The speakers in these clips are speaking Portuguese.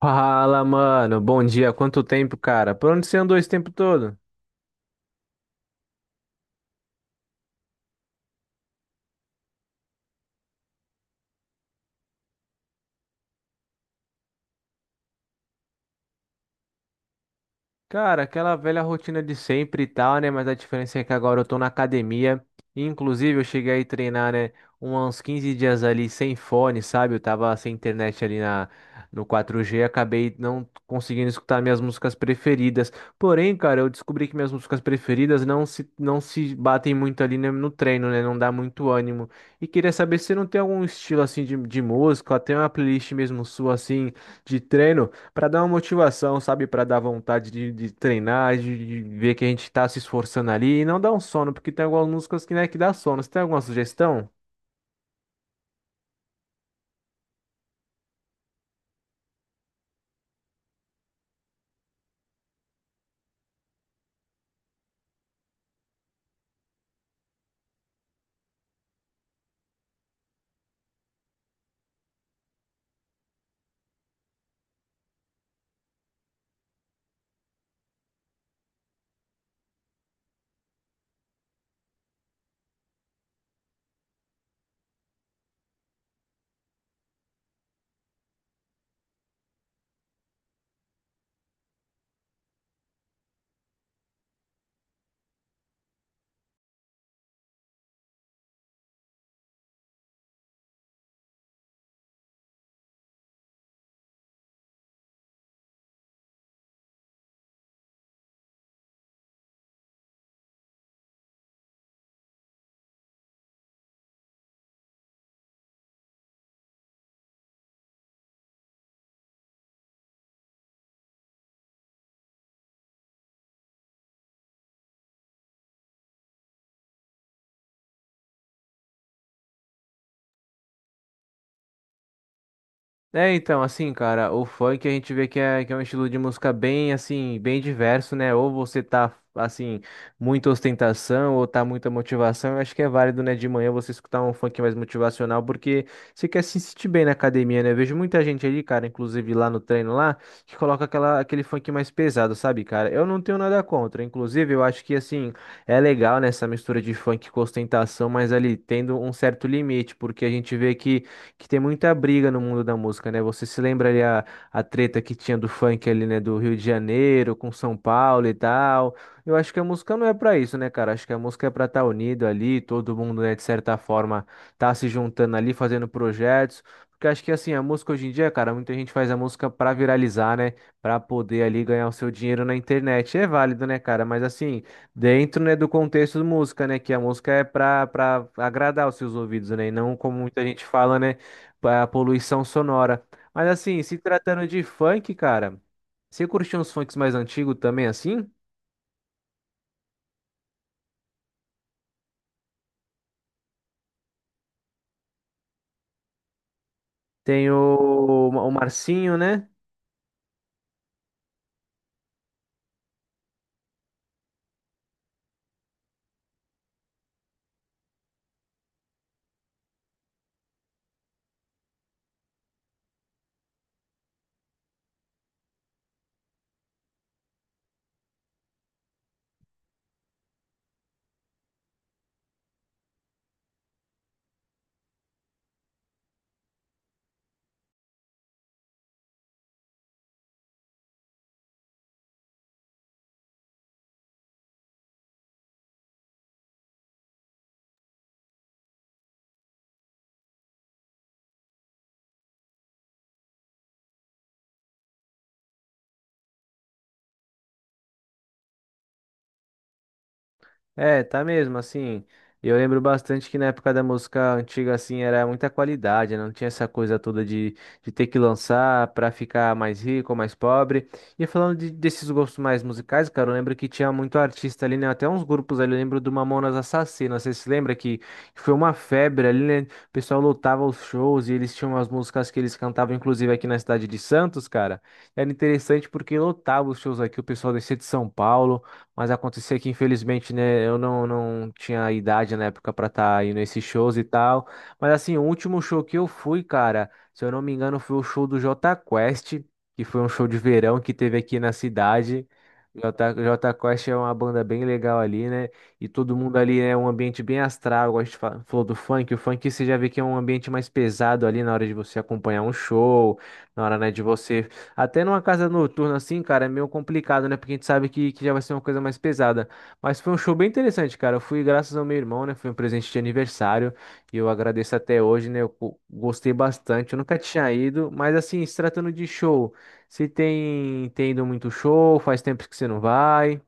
Fala, mano. Bom dia. Quanto tempo, cara? Por onde você andou esse tempo todo? Cara, aquela velha rotina de sempre e tal, né? Mas a diferença é que agora eu tô na academia. E, inclusive, eu cheguei aí treinar, né? Uns 15 dias ali sem fone, sabe? Eu tava sem internet no 4G. Acabei não conseguindo escutar minhas músicas preferidas. Porém, cara, eu descobri que minhas músicas preferidas não se batem muito ali no, no treino, né? Não dá muito ânimo. E queria saber se você não tem algum estilo assim de música, até uma playlist mesmo sua assim de treino para dar uma motivação, sabe? Para dar vontade de treinar, de ver que a gente tá se esforçando ali e não dar um sono, porque tem algumas músicas que, né, que dá sono. Você tem alguma sugestão? É, então, assim, cara, o funk a gente vê que é um estilo de música bem, assim, bem diverso, né? Ou você tá, assim, muita ostentação, ou tá muita motivação. Eu acho que é válido, né, de manhã você escutar um funk mais motivacional, porque você quer se sentir bem na academia, né? Eu vejo muita gente ali, cara, inclusive lá no treino lá, que coloca aquele funk mais pesado, sabe, cara? Eu não tenho nada contra. Inclusive, eu acho que, assim, é legal, né, essa mistura de funk com ostentação, mas ali tendo um certo limite, porque a gente vê que tem muita briga no mundo da música, né? Você se lembra a treta que tinha do funk ali, né? Do Rio de Janeiro com São Paulo e tal. Eu acho que a música não é pra isso, né, cara? Acho que a música é pra estar unido ali, todo mundo, né, de certa forma, tá se juntando ali, fazendo projetos. Porque acho que assim, a música hoje em dia, cara, muita gente faz a música pra viralizar, né? Pra poder ali ganhar o seu dinheiro na internet. É válido, né, cara? Mas assim, dentro, né, do contexto de música, né? Que a música é pra agradar os seus ouvidos, né? E não como muita gente fala, né? É a poluição sonora. Mas assim, se tratando de funk, cara, você curtiu uns funks mais antigos também, assim? Tem o Marcinho, né? É, tá mesmo, assim. Eu lembro bastante que na época da música antiga, assim, era muita qualidade, né, não tinha essa coisa toda de ter que lançar pra ficar mais rico, mais pobre. E desses gostos mais musicais, cara, eu lembro que tinha muito artista ali, né? Até uns grupos ali, eu lembro do Mamonas Assassinas, você se lembra que foi uma febre ali, né? O pessoal lotava os shows e eles tinham as músicas que eles cantavam, inclusive aqui na cidade de Santos, cara. Era interessante porque lotava os shows aqui, o pessoal descia de São Paulo. Mas acontecia que, infelizmente, né, eu não, não tinha idade na época pra estar indo a esses shows e tal. Mas, assim, o último show que eu fui, cara, se eu não me engano, foi o show do Jota Quest, que foi um show de verão que teve aqui na cidade. Jota Quest é uma banda bem legal ali, né? E todo mundo ali é um ambiente bem astral. Igual a gente falou do funk. O funk você já vê que é um ambiente mais pesado ali na hora de você acompanhar um show, na hora, né, de você até numa casa noturna assim, cara, é meio complicado, né? Porque a gente sabe que já vai ser uma coisa mais pesada. Mas foi um show bem interessante, cara. Eu fui graças ao meu irmão, né? Foi um presente de aniversário e eu agradeço até hoje, né? Eu gostei bastante. Eu nunca tinha ido, mas assim, se tratando de show, se tem, tem ido muito show, faz tempo que você não vai.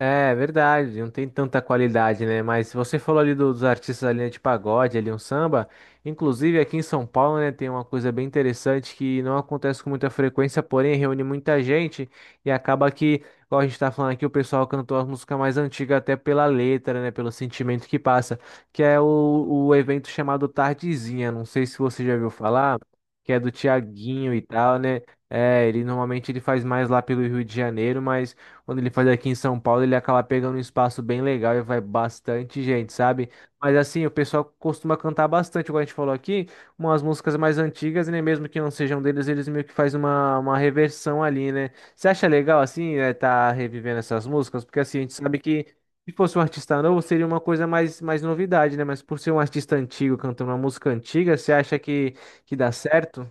É verdade, não tem tanta qualidade, né? Mas você falou ali dos artistas da linha de pagode, ali um samba. Inclusive aqui em São Paulo, né, tem uma coisa bem interessante que não acontece com muita frequência, porém reúne muita gente e acaba que, igual a gente tá falando aqui, o pessoal cantou as músicas mais antigas até pela letra, né, pelo sentimento que passa, que é o, o evento chamado Tardezinha. Não sei se você já ouviu falar, que é do Tiaguinho e tal, né? É, ele normalmente ele faz mais lá pelo Rio de Janeiro, mas quando ele faz aqui em São Paulo, ele acaba pegando um espaço bem legal e vai bastante gente, sabe? Mas assim, o pessoal costuma cantar bastante, como a gente falou aqui, umas músicas mais antigas, né? Mesmo que não sejam deles, eles meio que fazem uma reversão ali, né? Você acha legal, assim, né, tá revivendo essas músicas? Porque assim, a gente sabe que se fosse um artista novo, seria uma coisa mais, mais novidade, né? Mas por ser um artista antigo cantando uma música antiga, você acha que dá certo?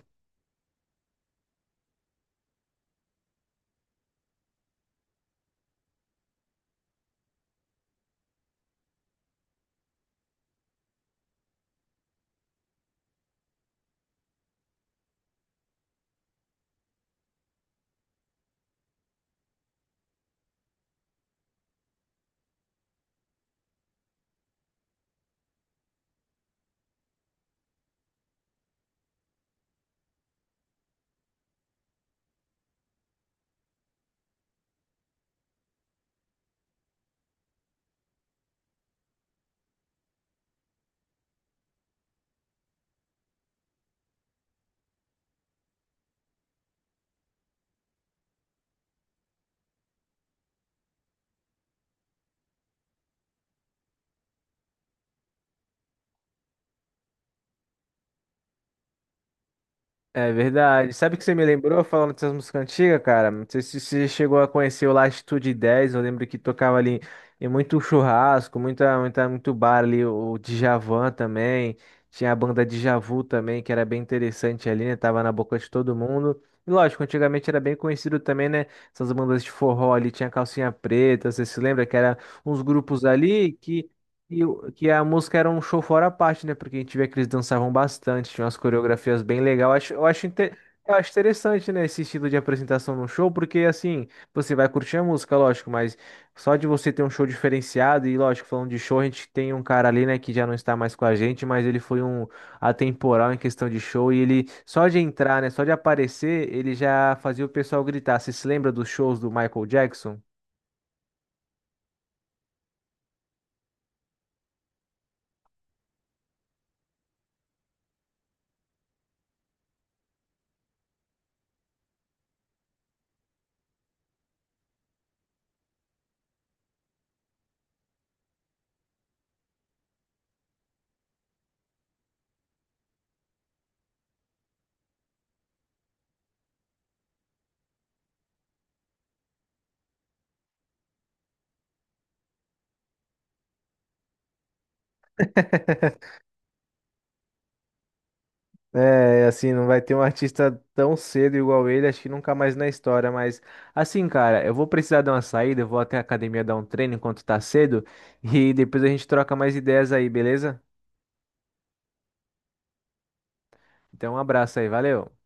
É verdade. Sabe o que você me lembrou falando dessas músicas antigas, cara? Não sei se você chegou a conhecer o Latitude 10. Eu lembro que tocava ali em muito churrasco, muito bar ali. O Djavan também. Tinha a banda Djavan Vu também, que era bem interessante ali, né? Tava na boca de todo mundo. E lógico, antigamente era bem conhecido também, né? Essas bandas de forró ali, tinha Calcinha Preta, você se lembra que eram uns grupos ali que que a música era um show fora a parte, né? Porque a gente via que eles dançavam bastante, tinha umas coreografias bem legais. Eu acho interessante, né? Esse estilo de apresentação no show, porque assim, você vai curtir a música, lógico, mas só de você ter um show diferenciado, e lógico, falando de show, a gente tem um cara ali, né, que já não está mais com a gente, mas ele foi um atemporal em questão de show, e ele, só de entrar, né, só de aparecer, ele já fazia o pessoal gritar. Você se lembra dos shows do Michael Jackson? É, assim, não vai ter um artista tão cedo igual ele, acho que nunca mais na história, mas assim, cara, eu vou precisar dar uma saída, eu vou até a academia dar um treino enquanto tá cedo e depois a gente troca mais ideias aí, beleza? Então, um abraço aí, valeu.